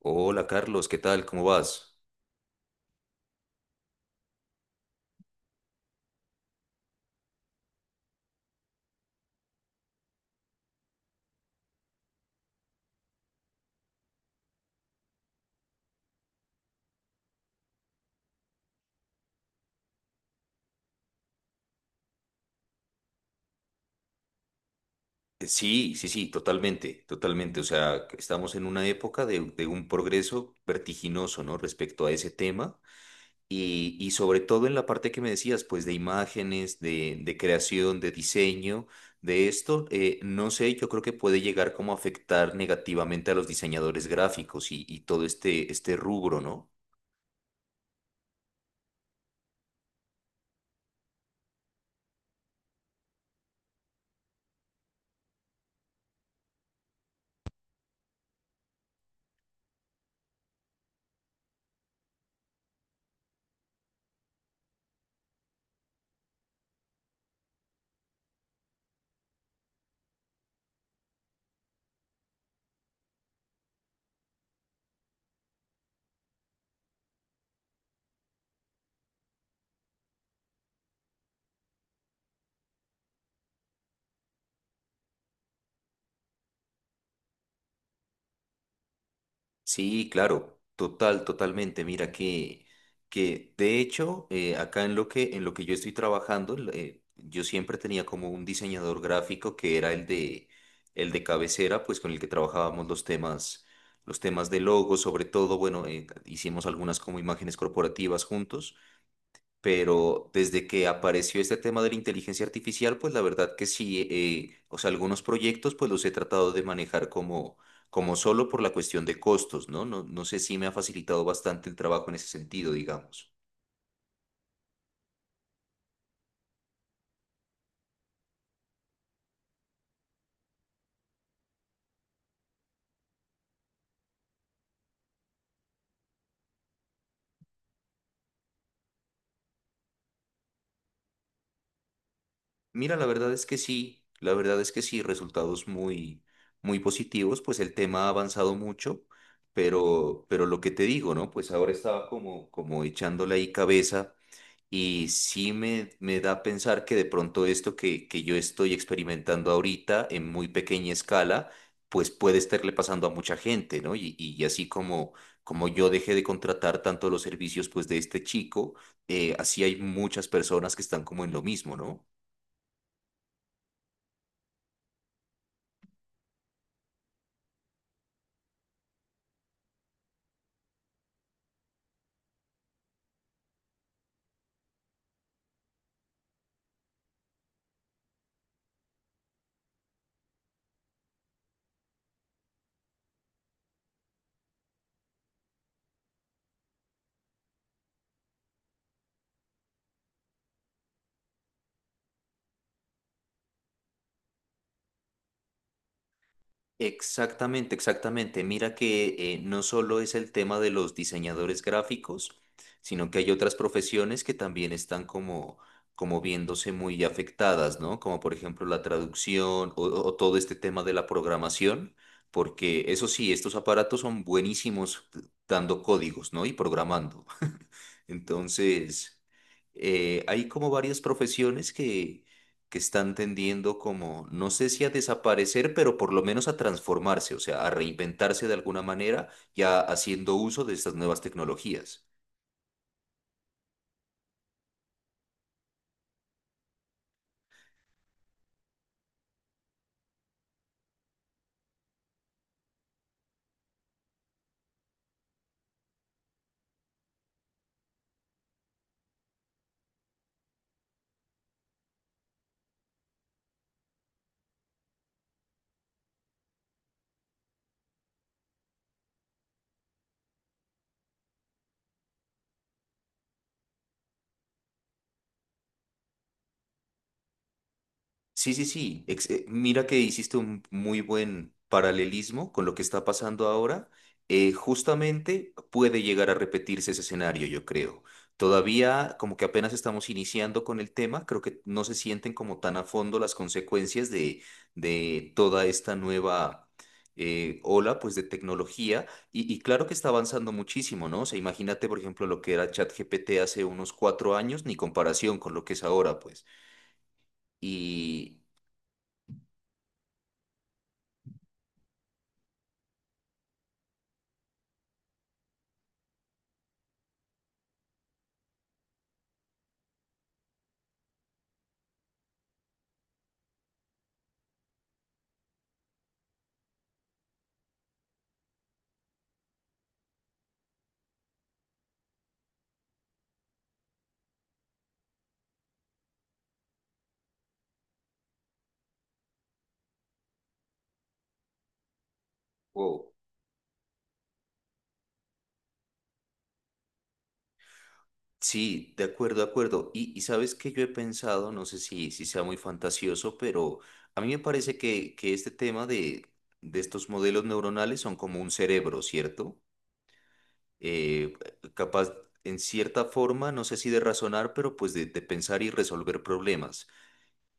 Hola Carlos, ¿qué tal? ¿Cómo vas? Sí, sí, sí, totalmente, totalmente. O sea, estamos en una época de un progreso vertiginoso, ¿no? Respecto a ese tema y sobre todo en la parte que me decías, pues de imágenes, de creación, de diseño, de esto, no sé, yo creo que puede llegar como a afectar negativamente a los diseñadores gráficos y todo este rubro, ¿no? Sí, claro, total, totalmente. Mira que de hecho, acá en en lo que yo estoy trabajando, yo siempre tenía como un diseñador gráfico que era el de cabecera, pues con el que trabajábamos los los temas de logo, sobre todo, bueno, hicimos algunas como imágenes corporativas juntos. Pero desde que apareció este tema de la inteligencia artificial, pues la verdad que sí, o sea, algunos proyectos pues los he tratado de manejar como solo por la cuestión de costos, ¿no? No, no sé si me ha facilitado bastante el trabajo en ese sentido, digamos. Mira, la verdad es que sí, la verdad es que sí, resultados muy, muy positivos, pues el tema ha avanzado mucho, pero lo que te digo, ¿no? Pues ahora estaba como echándole ahí cabeza. Y sí me da a pensar que de pronto esto que yo estoy experimentando ahorita en muy pequeña escala, pues puede estarle pasando a mucha gente, ¿no? Y así como yo dejé de contratar tanto los servicios pues de este chico, así hay muchas personas que están como en lo mismo, ¿no? Exactamente, exactamente. Mira que no solo es el tema de los diseñadores gráficos, sino que hay otras profesiones que también están como viéndose muy afectadas, ¿no? Como por ejemplo la traducción o todo este tema de la programación, porque eso sí, estos aparatos son buenísimos dando códigos, ¿no? Y programando. Entonces, hay como varias profesiones que están tendiendo como, no sé si a desaparecer, pero por lo menos a transformarse, o sea, a reinventarse de alguna manera, ya haciendo uso de estas nuevas tecnologías. Sí, sí, sí. Mira que hiciste un muy buen paralelismo con lo que está pasando ahora. Justamente puede llegar a repetirse ese escenario, yo creo. Todavía como que apenas estamos iniciando con el tema, creo que no se sienten como tan a fondo las consecuencias de toda esta nueva ola pues de tecnología y claro que está avanzando muchísimo, ¿no? O sea, imagínate por ejemplo lo que era ChatGPT hace unos 4 años, ni comparación con lo que es ahora pues. Y... Wow. Sí, de acuerdo, de acuerdo. Y sabes que yo he pensado, no sé si sea muy fantasioso, pero a mí me parece que este tema de estos modelos neuronales son como un cerebro, ¿cierto? Eh, Capaz, en cierta forma, no sé si de razonar, pero pues de pensar y resolver problemas.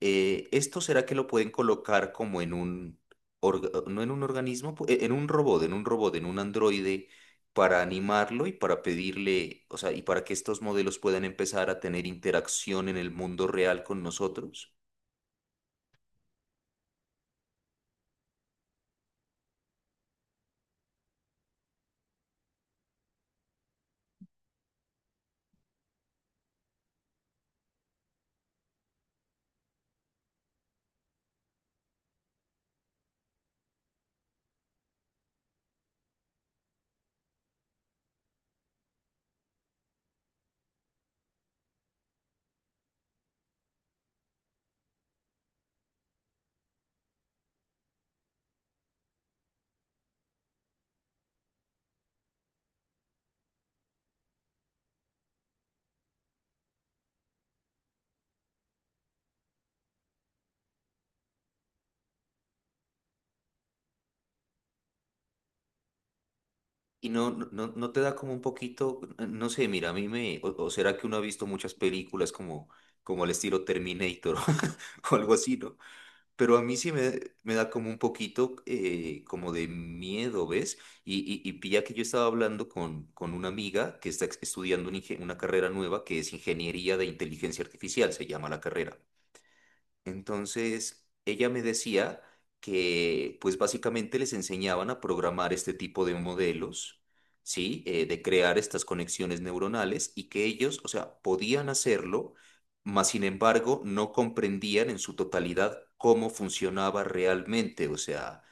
¿Esto será que lo pueden colocar como en un, no en un organismo, en un robot, en un androide, para animarlo y para pedirle, o sea, y para que estos modelos puedan empezar a tener interacción en el mundo real con nosotros? Y no te da como un poquito, no sé, mira, a mí o será que uno ha visto muchas películas como el estilo Terminator o algo así, ¿no? Pero a mí sí me da como un poquito como de miedo, ¿ves? Y pilla que yo estaba hablando con una amiga que está estudiando un una carrera nueva que es Ingeniería de Inteligencia Artificial, se llama la carrera. Entonces, ella me decía que pues básicamente les enseñaban a programar este tipo de modelos, ¿sí? De crear estas conexiones neuronales y que ellos, o sea, podían hacerlo, mas sin embargo no comprendían en su totalidad cómo funcionaba realmente. O sea,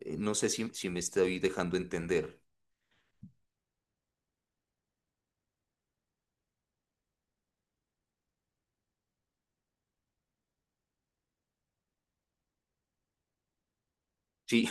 no sé si me estoy dejando entender. Sí,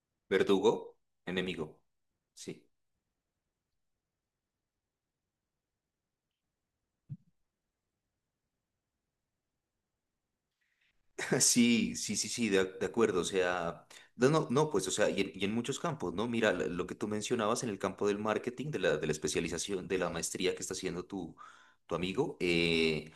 verdugo, enemigo. Sí. Sí, sí, sí, sí, de acuerdo, o sea, no, no, no, pues, o sea, y en muchos campos, ¿no? Mira, lo que tú mencionabas en el campo del marketing, de de la especialización, de la maestría que está haciendo tu amigo, eh,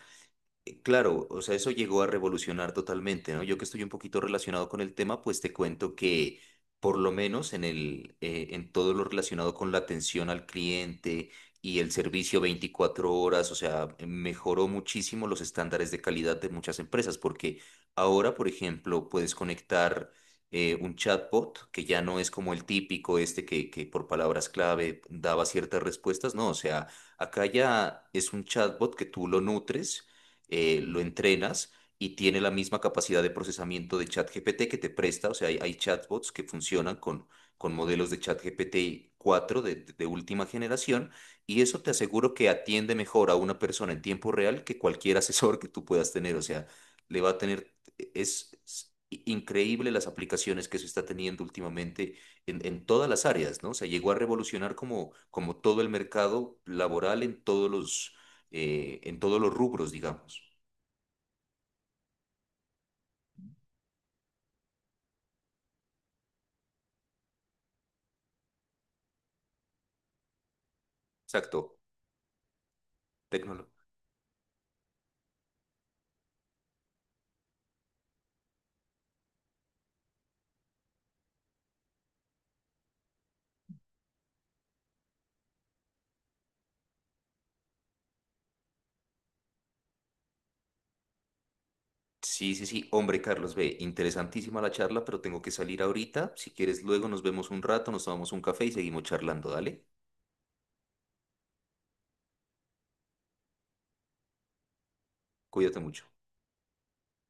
eh, claro, o sea, eso llegó a revolucionar totalmente, ¿no? Yo que estoy un poquito relacionado con el tema, pues te cuento que por lo menos en el, en todo lo relacionado con la atención al cliente y el servicio 24 horas, o sea, mejoró muchísimo los estándares de calidad de muchas empresas, porque ahora, por ejemplo, puedes conectar un chatbot que ya no es como el típico este que por palabras clave daba ciertas respuestas, no, o sea, acá ya es un chatbot que tú lo nutres, lo entrenas y tiene la misma capacidad de procesamiento de ChatGPT que te presta. O sea, hay chatbots que funcionan con modelos de ChatGPT 4 de última generación y eso te aseguro que atiende mejor a una persona en tiempo real que cualquier asesor que tú puedas tener. O sea, le va a tener, es increíble las aplicaciones que se está teniendo últimamente en todas las áreas, ¿no? O sea, llegó a revolucionar como todo el mercado laboral en todos los rubros, digamos. Exacto, tecnólogo. Sí, sí, sí. Hombre, Carlos, ve, interesantísima la charla, pero tengo que salir ahorita. Si quieres, luego nos vemos un rato, nos tomamos un café y seguimos charlando, dale. Cuídate mucho.